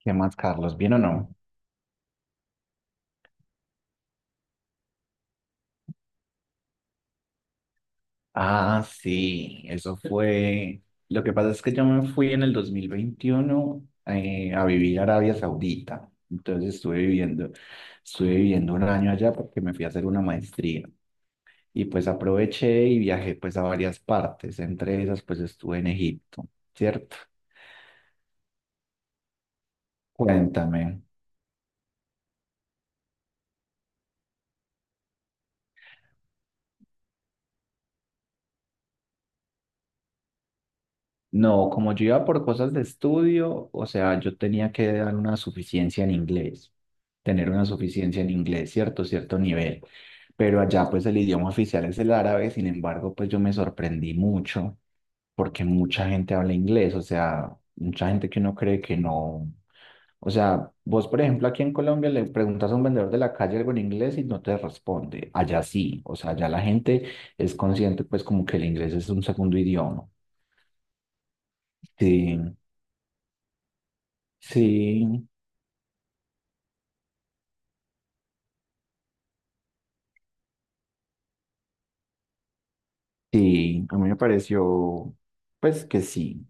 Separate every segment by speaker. Speaker 1: ¿Qué más, Carlos? ¿Bien o no? Ah, sí, eso fue. Lo que pasa es que yo me fui en el 2021 a vivir a Arabia Saudita. Entonces estuve viviendo 1 año allá porque me fui a hacer una maestría. Y pues aproveché y viajé pues a varias partes. Entre esas pues estuve en Egipto, ¿cierto? Cuéntame. No, como yo iba por cosas de estudio, o sea, yo tenía que dar una suficiencia en inglés, tener una suficiencia en inglés, cierto, cierto nivel. Pero allá pues el idioma oficial es el árabe. Sin embargo, pues yo me sorprendí mucho porque mucha gente habla inglés, o sea, mucha gente que uno cree que no. O sea, vos, por ejemplo, aquí en Colombia le preguntas a un vendedor de la calle algo en inglés y no te responde. Allá sí, o sea, allá la gente es consciente, pues, como que el inglés es un segundo idioma. Sí. Sí, sí, a mí me pareció, pues que sí,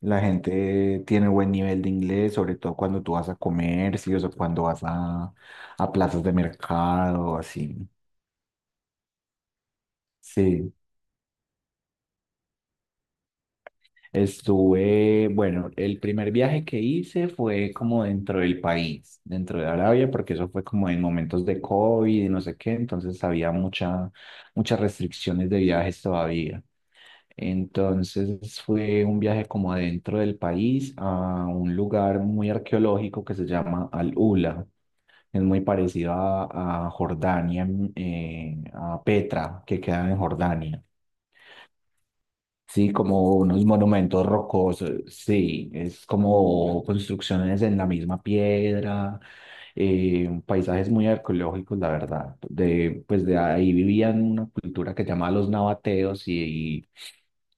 Speaker 1: la gente tiene buen nivel de inglés, sobre todo cuando tú vas a comercios o cuando vas a plazas de mercado, así. Sí, estuve, bueno, el primer viaje que hice fue como dentro del país, dentro de Arabia, porque eso fue como en momentos de COVID y no sé qué, entonces había muchas restricciones de viajes todavía. Entonces fue un viaje como adentro del país a un lugar muy arqueológico que se llama Al-Ula. Es muy parecido a Jordania, a Petra, que queda en Jordania. Sí, como unos monumentos rocosos. Sí, es como construcciones en la misma piedra, paisajes muy arqueológicos, la verdad. De, pues de ahí vivían una cultura que llamaba los nabateos y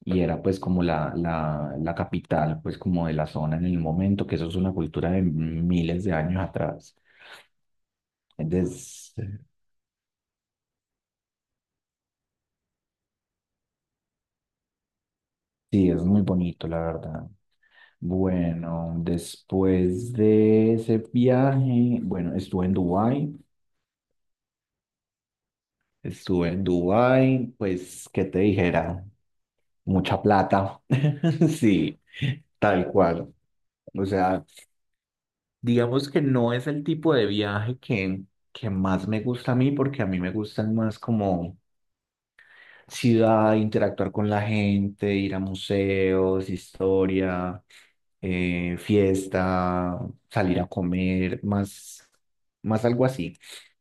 Speaker 1: y era pues como la capital pues como de la zona en el momento, que eso es una cultura de miles de años atrás. Entonces, sí, es muy bonito, la verdad. Bueno, después de ese viaje, bueno, estuve en Dubái, pues, ¿qué te dijera? Mucha plata, sí, tal cual. O sea, digamos que no es el tipo de viaje que más me gusta a mí, porque a mí me gustan más como ciudad, interactuar con la gente, ir a museos, historia, fiesta, salir a comer, más, más algo así.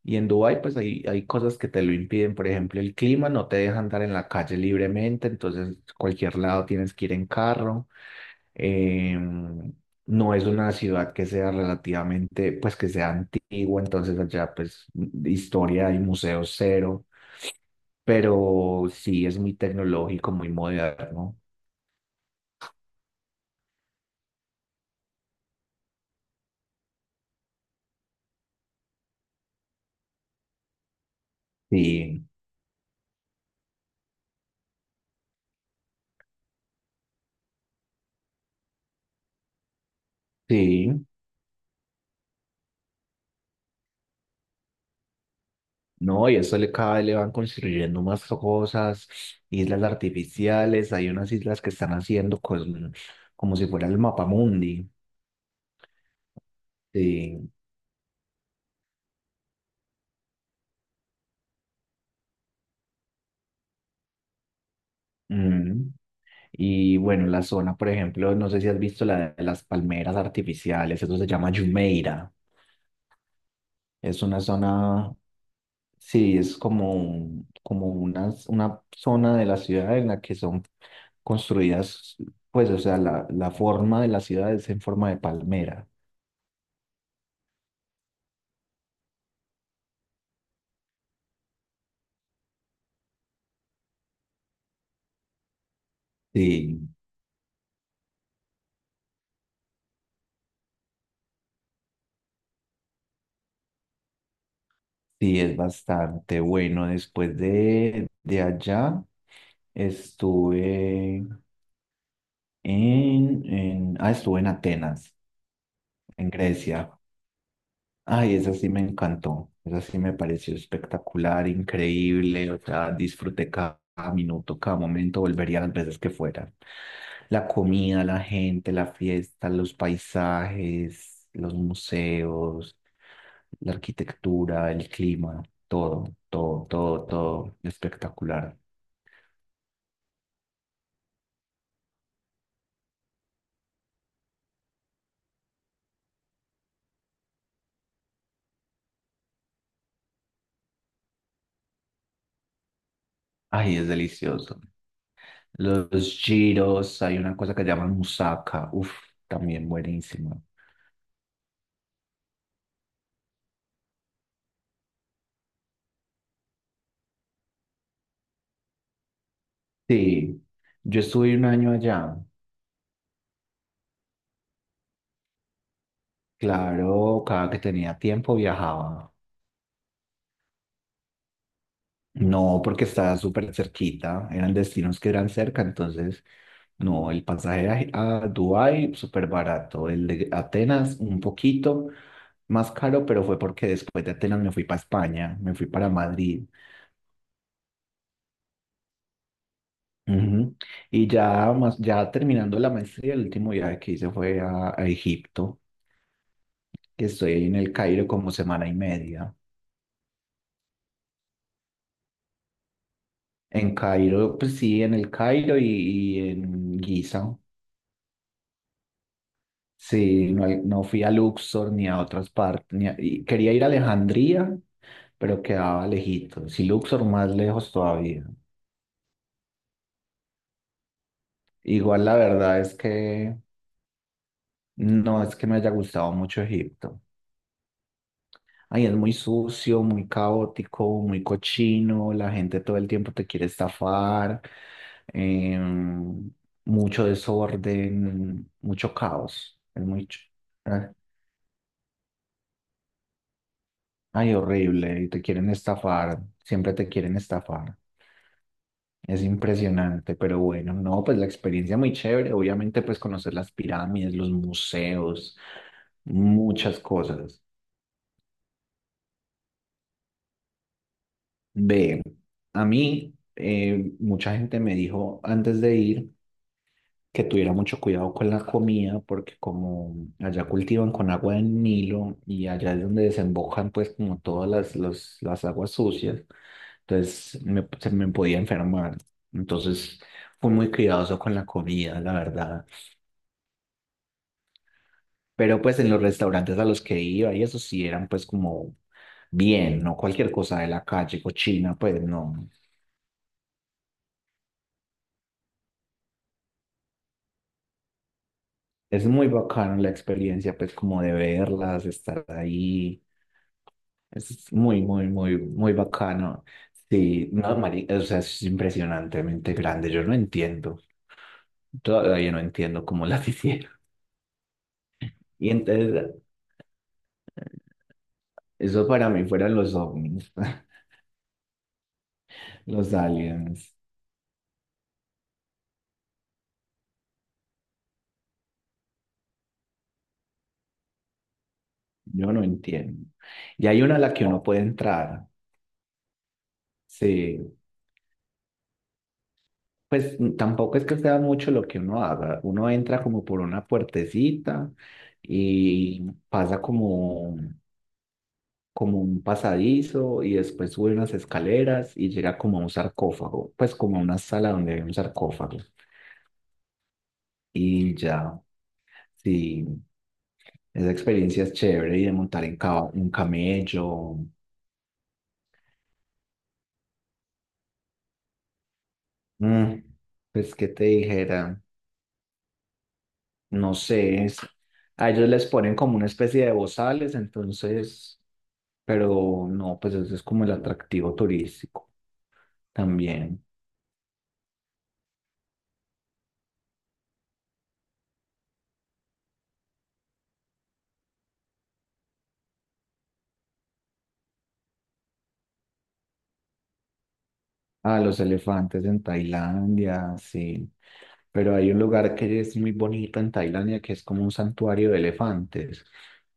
Speaker 1: Y en Dubái, pues hay cosas que te lo impiden. Por ejemplo, el clima no te deja andar en la calle libremente, entonces cualquier lado tienes que ir en carro. Em, no es una ciudad que sea relativamente, pues que sea antigua, entonces allá pues historia y museos cero, pero sí es muy tecnológico, muy moderno. Sí, sí, no, y eso le, cada vez le van construyendo más cosas, islas artificiales, hay unas islas que están haciendo con- como si fuera el mapamundi. Sí. Mm. Y bueno, la zona, por ejemplo, no sé si has visto la de las palmeras artificiales, eso se llama Jumeirah. Es una zona. Sí, es como, un- como una zona de la ciudad en la que son construidas, pues, o sea, la forma de la ciudad es en forma de palmera. Sí, sí, es bastante bueno. Después de allá estuve estuve en Atenas, en Grecia. Ay, esa sí me encantó. Esa sí me pareció espectacular, increíble. O sea, disfruté cada minuto, cada momento, volvería las veces que fuera. La comida, la gente, la fiesta, los paisajes, los museos, la arquitectura, el clima, todo, todo, todo, todo espectacular. Ay, es delicioso. Los giros, hay una cosa que llaman musaka, uff, también buenísima. Sí, yo estuve 1 año allá. Claro, cada que tenía tiempo viajaba. No, porque estaba súper cerquita, eran destinos que eran cerca, entonces, no, el pasaje a Dubái súper barato, el de Atenas un poquito más caro, pero fue porque después de Atenas me fui para España, me fui para Madrid. Ujú. Y ya, más, ya terminando la maestría, el último viaje que hice fue a Egipto, que estoy en el Cairo como semana y media. En Cairo, pues sí, en el Cairo y en Giza. Sí, no, he- no fui a Luxor ni a otras partes, ni a- y quería ir a Alejandría, pero quedaba lejito. Sí, Luxor más lejos todavía. Igual la verdad es que no es que me haya gustado mucho Egipto. Ay, es muy sucio, muy caótico, muy cochino. La gente todo el tiempo te quiere estafar. em, Mucho desorden, mucho caos. Es muy... ch- ah, ay, horrible. Y te quieren estafar. Siempre te quieren estafar. Es impresionante, pero bueno, no, pues la experiencia muy chévere, obviamente pues conocer las pirámides, los museos, muchas cosas. Ve, a mí mucha gente me dijo antes de ir que tuviera mucho cuidado con la comida porque como allá cultivan con agua del Nilo y allá es donde desembocan pues como todas las aguas sucias, entonces se me podía enfermar. Entonces fui muy cuidadoso con la comida, la verdad. Pero pues en los restaurantes a los que iba y eso sí eran pues como bien, no cualquier cosa de la calle, cochina, pues no. Es muy bacano la experiencia pues como de verlas, estar ahí. Es muy, muy, muy, muy bacano. Sí, no, mari- o sea, es impresionantemente grande. Yo no entiendo. Todavía no entiendo cómo las hicieron. Y entonces, eso para mí fueron los ovnis, los aliens. Yo no entiendo. Y hay una a la que uno puede entrar. Sí. Pues mm, tampoco es que sea mucho lo que uno haga. Uno entra como por una puertecita y pasa como, como un pasadizo y después sube unas escaleras y llega como a un sarcófago. Pues como a una sala donde hay un sarcófago. Y ya, sí, esa experiencia es chévere y de montar en ca- un camello. Mm, pues que te dijera, no sé, es- a ellos les ponen como una especie de bozales, entonces, pero no, pues eso es como el atractivo turístico también. Ah, los elefantes en Tailandia, sí, pero hay un lugar que es muy bonito en Tailandia que es como un santuario de elefantes.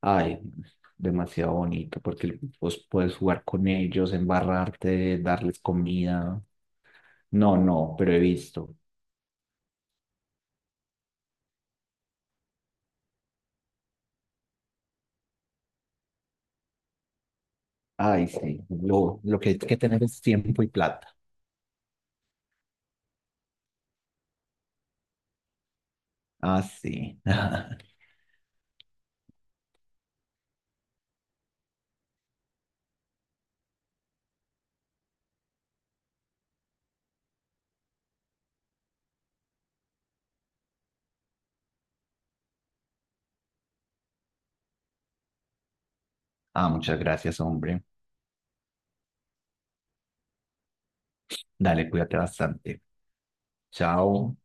Speaker 1: Ay, demasiado bonito porque vos puedes jugar con ellos, embarrarte, darles comida. No, no, pero he visto. Ay, sí, lo que hay que tener es tiempo y plata. Ah, sí. Ah, muchas gracias, hombre. Dale, cuídate bastante. Chao.